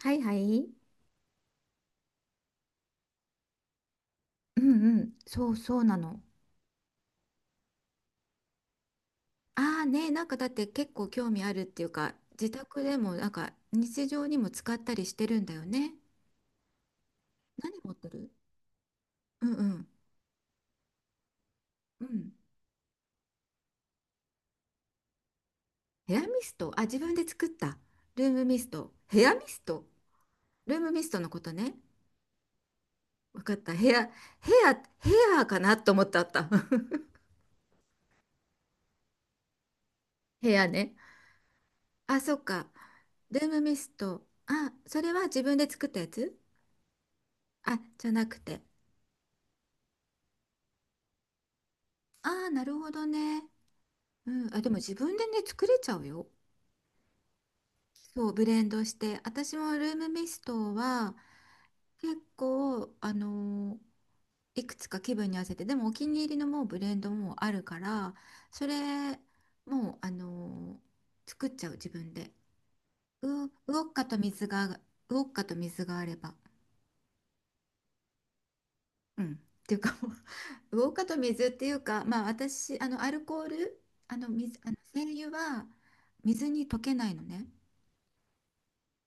はいはい。うんうん。そうそうなの。ああね、なんかだって結構興味あるっていうか、自宅でもなんか日常にも使ったりしてるんだよね。何持ってる？うんうん。うん。ヘアミスト。あ、自分で作った。ルームミスト。ヘアミスト。ルームミストのことね。わかった。ヘア、ヘアかなと思ったあった。ヘアね。あ、そっか。ルームミスト。あ、それは自分で作ったやつ？あ、じゃなくて。ああ、なるほどね。うん、あ、でも自分でね、作れちゃうよ。そう、ブレンドして。私もルームミストは結構、いくつか気分に合わせて、でもお気に入りのもうブレンドもうあるから、それ、もう、作っちゃう、自分で。う、ウォッカと水が、ウォッカと水があれば。うん。っていうかもう、ウォッカと水っていうか、まあ私、アルコール、水、精油は水に溶けないのね。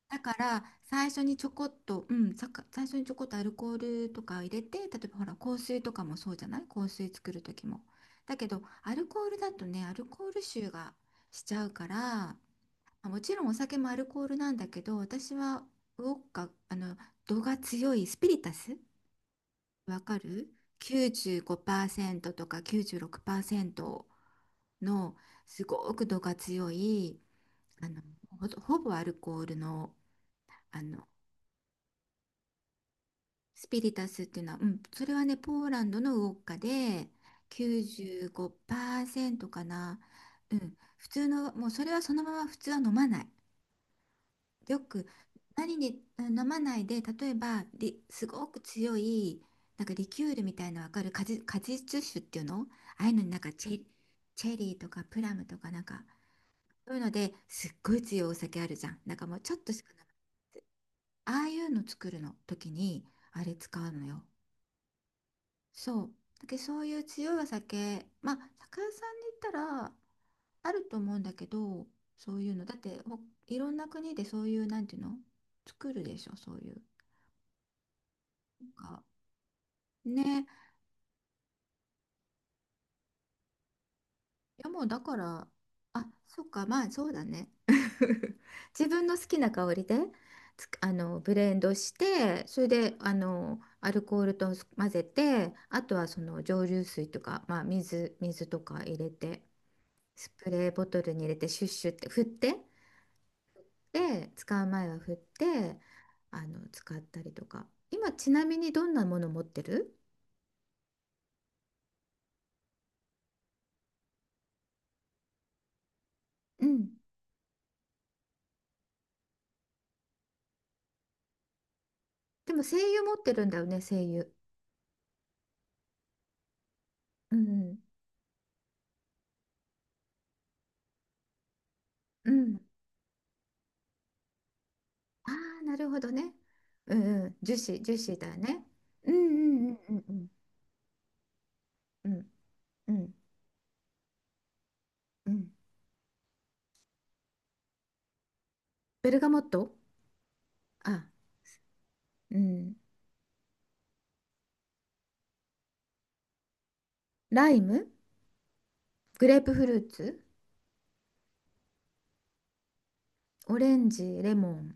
だから最初にちょこっと、うん、最初にちょこっとアルコールとかを入れて、例えばほら香水とかもそうじゃない？香水作る時も。だけどアルコールだとね、アルコール臭がしちゃうから、まあもちろんお酒もアルコールなんだけど、私はウォッカ、度が強いスピリタス、わかる？ 95% とか96%の、すごく度が強い、あのほぼアルコールの、あのスピリタスっていうのは、うん、それはね、ポーランドのウォッカで95%かな。うん、普通の、もうそれはそのまま普通は飲まない。よく何に、うん、飲まないで、例えばすごく強い、なんかリキュールみたいなの、わかる？果実酒っていうの、ああいうのになんかチェリーとかプラムとかなんか、そういうのですっごい強いお酒あるじゃん。なんかもうちょっとしかない。ああいうの作るの時に、あれ使うのよ。そう。だけどそういう強いお酒、まあ、酒屋さんに行ったらあると思うんだけど、そういうの。だって、いろんな国でそういう、なんていうの？作るでしょ、そういう。なんか。ね。いや、もうだから、あ、そっか、まあ、そうだね。自分の好きな香りで、つくあの、ブレンドして、それで、アルコールと混ぜて、あとはその蒸留水とか、まあ、水とか入れて。スプレーボトルに入れてシュッシュって振って、で使う前は振って、使ったりとか。今ちなみにどんなもの持ってる？うん。でも精油持ってるんだよね、精油。うんうんうん。ああー、なるほどね。うんうん。樹脂、樹脂だね。うんうんうんうん。うんうんうんうん。ベルガモット。あ。うん。ライム。グレープフルーツ。オレンジ、レモン。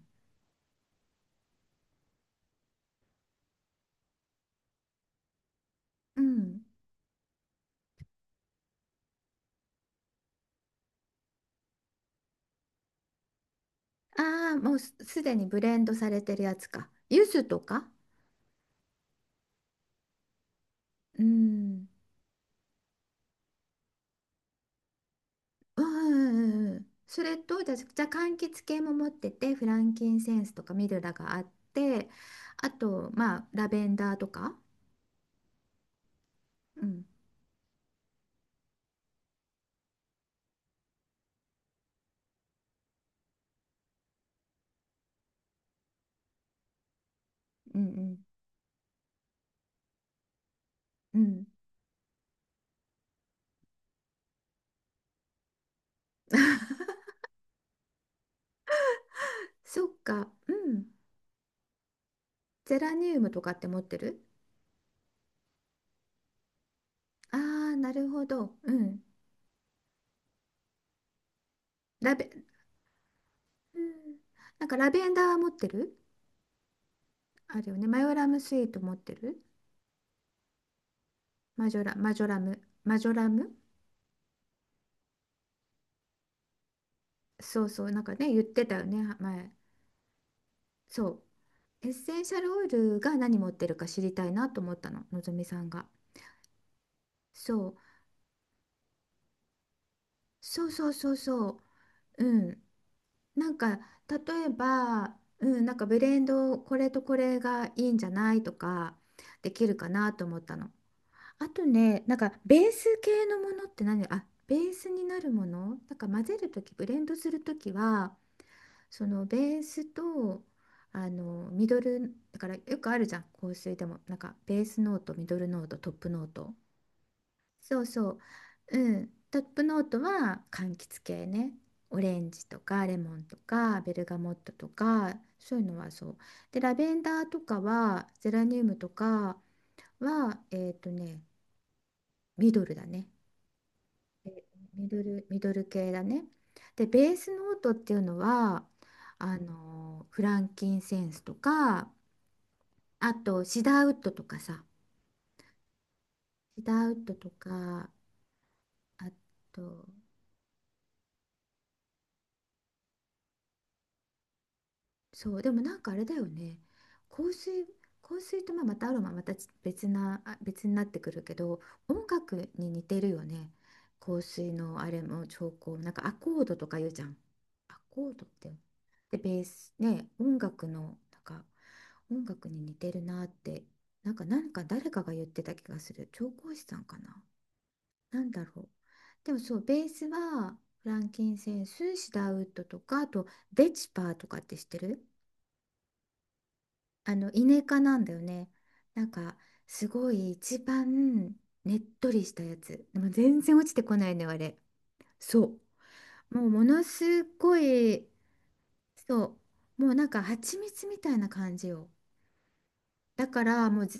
うん。ああ、もうすでにブレンドされてるやつか？柚子とか？うん。うんうんうんうん。それと、じゃあ、柑橘系も持ってて、フランキンセンスとかミルラがあって、あと、まあ、ラベンダーとか。うん。うんうん。うん。そっか。うん。ゼラニウムとかって持ってる？ああー、なるほど。うん。ラベ、うん。なんかラベンダー持ってる？あるよね。マヨラムスイート持ってる？マジョラム。マジョラム。そうそう、なんかね、言ってたよね、前。そう。エッセンシャルオイルが何持ってるか知りたいなと思ったの、のぞみさんが。そう。そうそうそうそう。うん。なんか、例えば、うん、なんかブレンド、これとこれがいいんじゃないとか、できるかなと思ったの。あとね、なんか、ベース系のものって何、あ、ベースになるものなんか混ぜるとき、ブレンドするときは、そのベースとあのミドルだからよくあるじゃん、香水でもなんか、ベースノート、ミドルノート、トップノート。そうそう。うん、トップノートは柑橘系ね。オレンジとかレモンとかベルガモットとかそういうのはそう。でラベンダーとかはゼラニウムとかは、ミドルだね。で、ミドル系だね。で、ベースノートっていうのは、フランキンセンスとか、あと、シダーウッドとかさ。シダーウッドとか、あと、そう。でもなんかあれだよね、香水香水とまあまたアロマまた別になってくるけど、音楽に似てるよね。香水のあれも調香、なんかアコードとか言うじゃん、アコードって。でベースね、音楽のなんか音楽に似てるなって、なんか誰かが言ってた気がする。調香師さんかな。なんだろう。でもそうベースはフランキンセンス、シダーウッドとか、あとデチパーとかって知ってる？あのイネなんだよね、なんか。すごい一番ねっとりしたやつでも全然落ちてこないのよあれ。そう。もうものすごい。そう、もうなんか蜂蜜みたいな感じよ。だからもう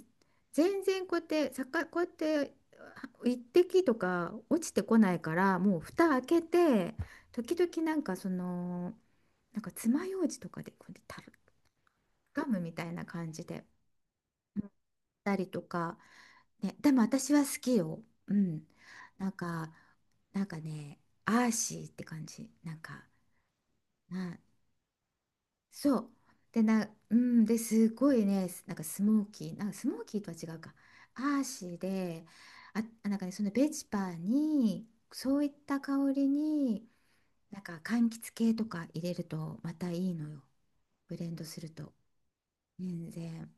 全然こうやってこうやって、あ、一滴とか落ちてこないから、もう蓋開けて時々なんかその、なんか爪楊枝とかでこうやってたる、ガムみたいな感じで、たりとか。ね、でも私は好きよ。うん。なんか、なんかね、アーシーって感じ。なんか、な、そう。で、うん、で、すごいね、なんかスモーキー、なんかスモーキーとは違うか。アーシーで、あ、なんかね、そのベチパーに、そういった香りに、なんか柑橘系とか入れるとまたいいのよ。ブレンドすると。全然。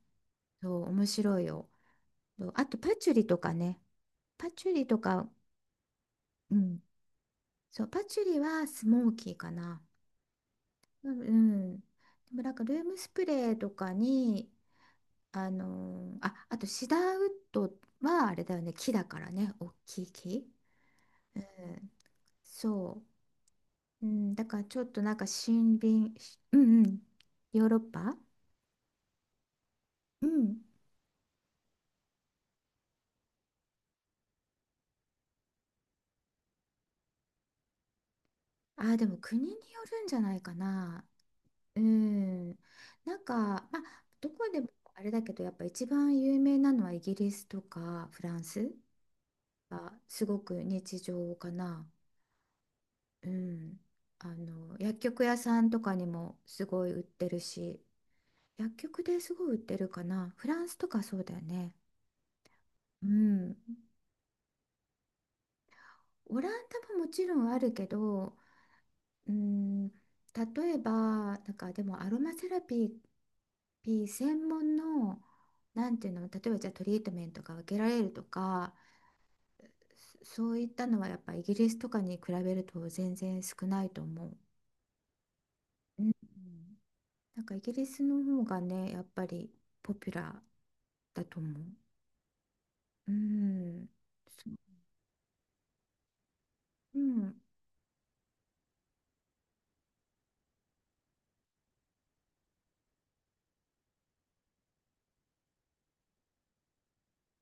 そう、面白いよ。そうあとパチュリとかね。パチュリとか、うん。そう、パチュリはスモーキーかな。うん。うん。でもなんかルームスプレーとかに、あ、あとシダーウッドはあれだよね、木だからね、大きい木。うん。そう。うん、だからちょっとなんか森林、うんうん、ヨーロッパ。うん。あー、でも国によるんじゃないかな。うん。なんか、まあ、どこでもあれだけど、やっぱ一番有名なのはイギリスとかフランス。あ、すごく日常かな。うん。あの、薬局屋さんとかにもすごい売ってるし、薬局ですごい売ってるかな。フランスとかそうだよね。うん。オランダももちろんあるけど、うん、例えば、なんかでもアロマセラピー、専門の、なんていうの、例えばじゃあトリートメントが受けられるとか、そういったのはやっぱイギリスとかに比べると全然少ないと思う。うん。なんかイギリスの方がね、やっぱりポピュラーだと思う。うん。そう。うん。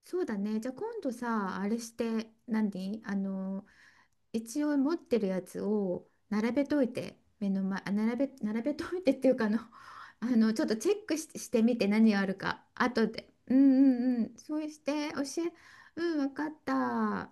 そうだね。じゃあ今度さ、あれして何、一応持ってるやつを並べといて、目の前、あ、並べといてっていうか、ちょっとチェックし、してみて何があるか、後で。うんうんうん。そうして、うん、わかった。